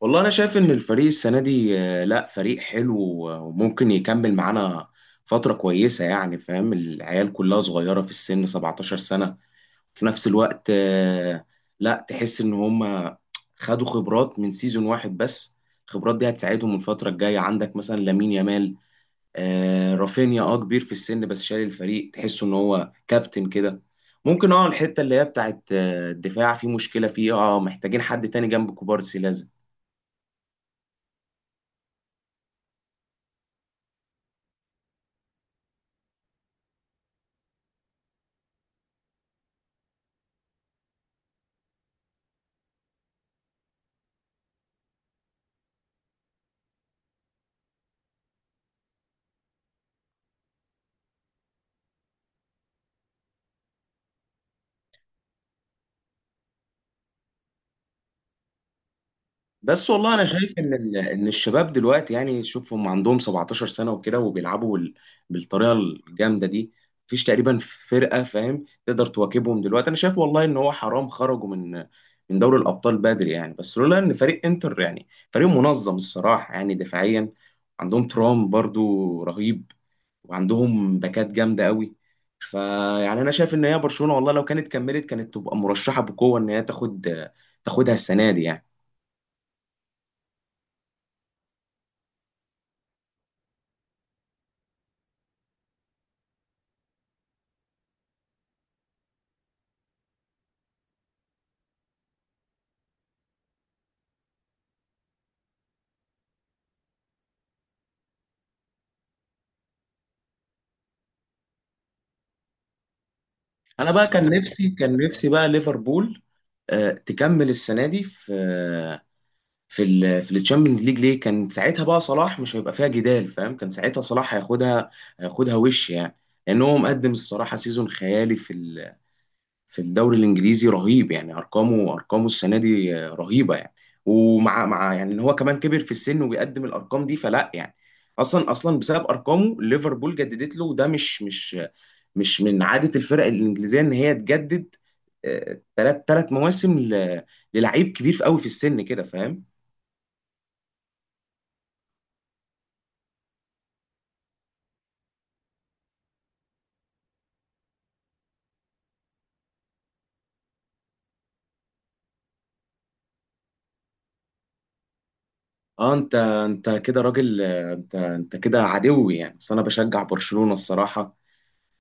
والله انا شايف ان الفريق السنه دي لا فريق حلو، وممكن يكمل معانا فتره كويسه. يعني فاهم، العيال كلها صغيره في السن، 17 سنه. في نفس الوقت لا تحس ان هم خدوا خبرات من سيزون واحد، بس الخبرات دي هتساعدهم الفتره الجايه. عندك مثلا لامين يامال، رافينيا كبير في السن بس شايل الفريق، تحسه ان هو كابتن كده. ممكن الحته اللي هي بتاعت الدفاع في مشكله فيه، محتاجين حد تاني جنب كوبارسي. بس والله انا شايف ان الشباب دلوقتي، يعني شوف هم عندهم 17 سنه وكده، وبيلعبوا بالطريقه الجامده دي. مفيش تقريبا فرقه، فاهم، تقدر تواكبهم دلوقتي. انا شايف والله ان هو حرام خرجوا من دوري الابطال بدري يعني، بس لولا ان فريق انتر، يعني فريق منظم الصراحه، يعني دفاعيا عندهم ترام برضو رهيب، وعندهم باكات جامده قوي. فيعني انا شايف ان هي برشلونه، والله لو كانت كملت كانت تبقى مرشحه بقوه ان هي تاخدها السنه دي يعني. انا بقى كان نفسي بقى ليفربول تكمل السنه دي في آه، في ال في الشامبيونز ليج، ليه كان ساعتها بقى صلاح مش هيبقى فيها جدال، فاهم؟ كان ساعتها صلاح هياخدها وش يعني، لان هو مقدم الصراحه سيزون خيالي في الدوري الانجليزي رهيب يعني. ارقامه السنه دي رهيبه يعني. ومع يعني، ان هو كمان كبر في السن وبيقدم الارقام دي. فلا يعني اصلا بسبب ارقامه ليفربول جددت له، وده مش من عادة الفرق الإنجليزية إن هي تجدد ثلاث مواسم للعيب كبير قوي في السن كده، فاهم؟ اه انت كده راجل، انت كده عدوي يعني، بس انا بشجع برشلونة الصراحة.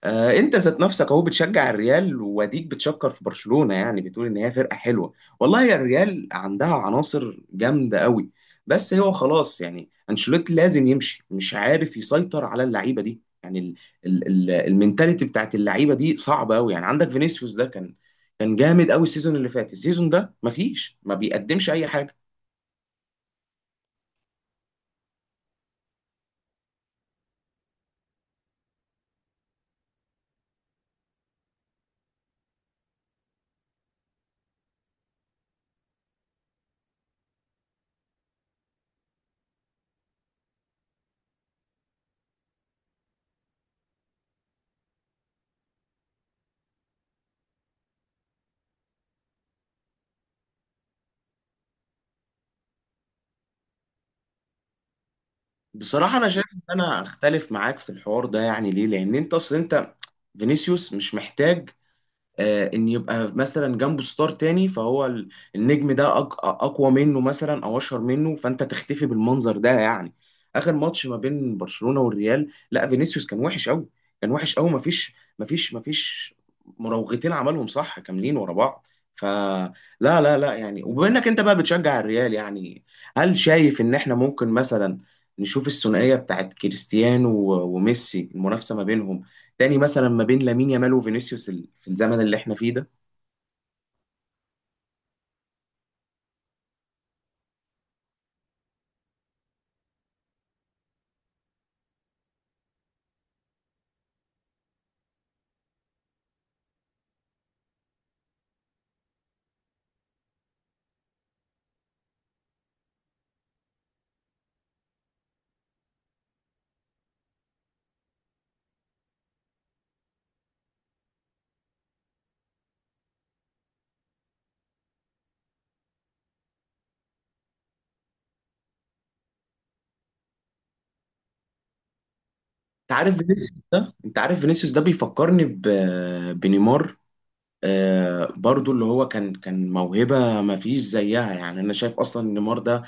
انت ذات نفسك اهو بتشجع الريال واديك بتشكر في برشلونة، يعني بتقول ان هي فرقة حلوه. والله يا، الريال عندها عناصر جامدة قوي، بس هو خلاص يعني انشيلوتي لازم يمشي، مش عارف يسيطر على اللعيبة دي. يعني ال المينتاليتي بتاعت اللعيبة دي صعبة قوي. يعني عندك فينيسيوس ده كان جامد قوي السيزون اللي فات، السيزون ده مفيش، ما بيقدمش اي حاجة. بصراحة انا شايف ان انا اختلف معاك في الحوار ده، يعني ليه؟ لان انت اصل انت، فينيسيوس مش محتاج ان يبقى مثلا جنبه ستار تاني، فهو النجم ده اقوى منه مثلا او اشهر منه، فانت تختفي بالمنظر ده يعني. اخر ماتش ما بين برشلونة والريال لا، فينيسيوس كان وحش قوي، كان وحش قوي. مفيش مراوغتين عملهم صح كاملين ورا بعض. فلا، لا لا لا، يعني، وبما انك انت بقى بتشجع الريال، يعني هل شايف ان احنا ممكن مثلا نشوف الثنائية بتاعت كريستيانو وميسي، المنافسة ما بينهم تاني مثلا ما بين لامين يامال وفينيسيوس في الزمن اللي احنا فيه ده؟ انت عارف فينيسيوس ده، انت عارف فينيسيوس ده بيفكرني بنيمار. آه برضو اللي هو كان موهبة ما فيش زيها، يعني انا شايف اصلا إن نيمار ده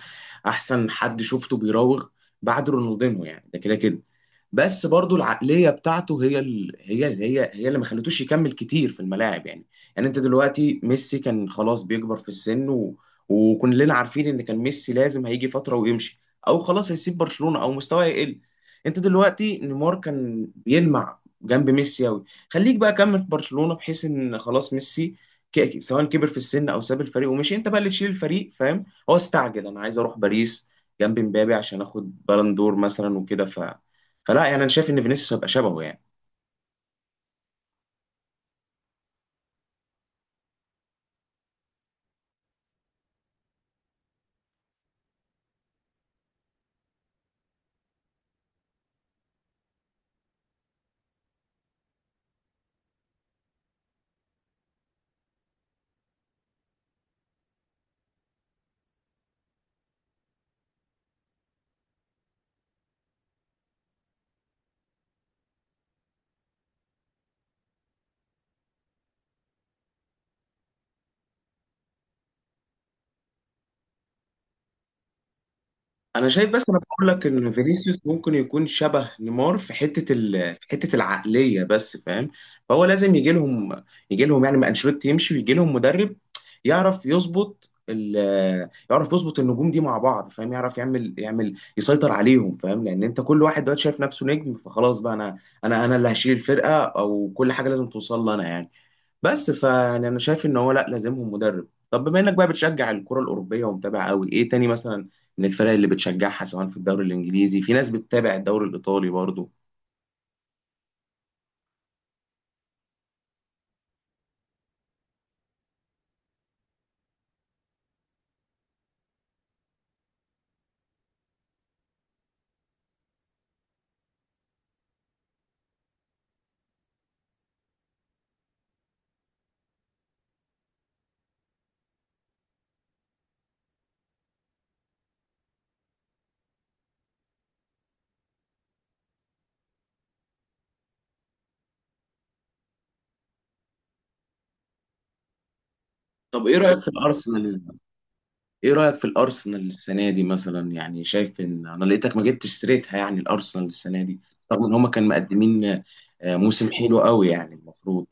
احسن حد شفته بيراوغ بعد رونالدينو يعني، ده كده كده. بس برضو العقليه بتاعته هي ال... هي ال... هي هي اللي ما خلتوش يكمل كتير في الملاعب يعني. يعني انت دلوقتي ميسي كان خلاص بيكبر في السن وكلنا عارفين ان كان ميسي لازم هيجي فتره ويمشي، او خلاص هيسيب برشلونه او مستواه يقل. انت دلوقتي نيمار كان بيلمع جنب ميسي قوي، خليك بقى كمل في برشلونه بحيث ان خلاص ميسي، سواء كبر في السن او ساب الفريق ومشي، انت بقى اللي تشيل الفريق، فاهم؟ هو استعجل، انا عايز اروح باريس جنب مبابي عشان اخد بالون دور مثلا وكده. فلا يعني انا شايف ان فينيسيوس هيبقى شبهه يعني. انا شايف، بس انا بقول لك ان فينيسيوس ممكن يكون شبه نيمار في حته في حته العقليه بس، فاهم؟ فهو لازم يجي لهم يعني، ما انشيلوتي يمشي ويجي لهم مدرب يعرف يظبط ال... يعرف يظبط النجوم دي مع بعض، فاهم؟ يعرف يعمل يعمل يسيطر عليهم، فاهم؟ لان انت كل واحد دلوقتي شايف نفسه نجم، فخلاص بقى انا اللي هشيل الفرقه، او كل حاجه لازم توصل لي انا يعني. بس فيعني انا شايف ان هو لا، لازمهم مدرب. طب بما انك بقى بتشجع الكرة الأوروبية ومتابع قوي، ايه تاني مثلا من الفرق اللي بتشجعها؟ سواء في الدوري الإنجليزي، في ناس بتتابع الدوري الإيطالي برضو. طب ايه رأيك في الأرسنال؟ ايه رأيك في الأرسنال السنة دي مثلا؟ يعني شايف ان انا لقيتك ما جبتش سيرتها يعني الأرسنال السنة دي، رغم ان هما كانوا مقدمين موسم حلو قوي يعني المفروض.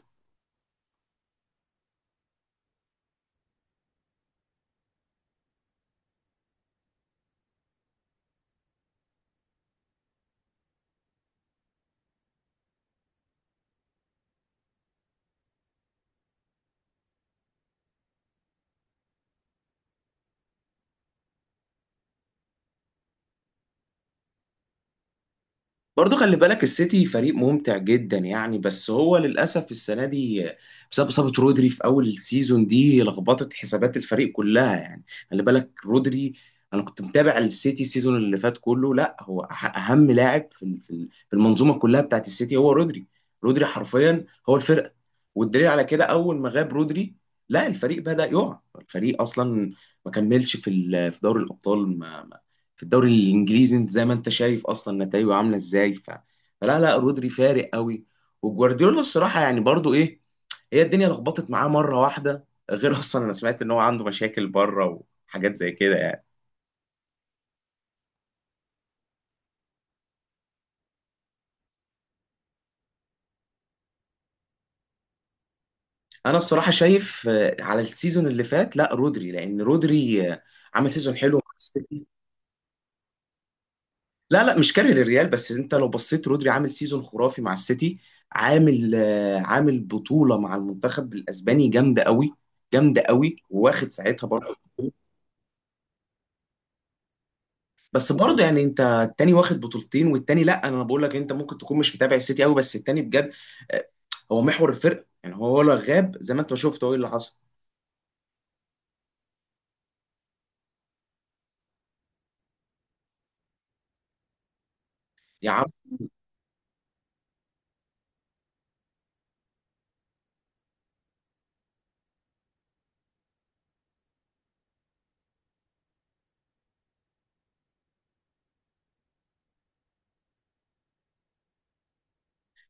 برضو خلي بالك السيتي فريق ممتع جدا يعني، بس هو للأسف السنة دي بسبب إصابة رودري في أول السيزون دي لخبطت حسابات الفريق كلها يعني. خلي بالك رودري، أنا كنت متابع السيتي السيزون اللي فات كله، لا هو أهم لاعب في المنظومة كلها بتاعت السيتي هو رودري. رودري حرفيا هو الفرقة. والدليل على كده أول ما غاب رودري لا، الفريق بدأ يقع، الفريق أصلا ما كملش في دوري الأبطال، ما في الدوري الانجليزي انت زي ما انت شايف اصلا نتائجه عامله ازاي. فلا لا، رودري فارق قوي. وجوارديولا الصراحه يعني برضو ايه، هي الدنيا لخبطت معاه مره واحده، غير اصلا انا سمعت ان هو عنده مشاكل بره وحاجات زي كده يعني. انا الصراحه شايف على السيزون اللي فات لا رودري، لان رودري عمل سيزون حلو مع السيتي. لا لا، مش كاره للريال، بس انت لو بصيت رودري عامل سيزون خرافي مع السيتي، عامل عامل بطولة مع المنتخب الاسباني جامدة قوي، جامدة قوي واخد ساعتها برضه. بس برضه يعني انت التاني واخد بطولتين والتاني لا، انا بقول لك انت ممكن تكون مش متابع السيتي قوي، بس التاني بجد آه، هو محور الفرق يعني، هو ولا غاب زي ما انت شفت هو ايه اللي حصل. يا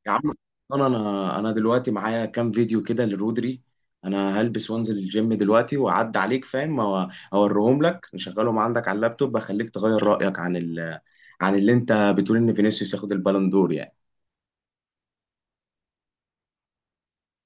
يا عم، انا دلوقتي معايا كام فيديو كده لرودري. انا هلبس وانزل الجيم دلوقتي واعدي عليك، فاهم؟ اوريهم لك نشغلهم عندك على اللابتوب، اخليك تغير رايك عن اللي انت بتقول ان فينيسيوس ياخد البالون دور يعني.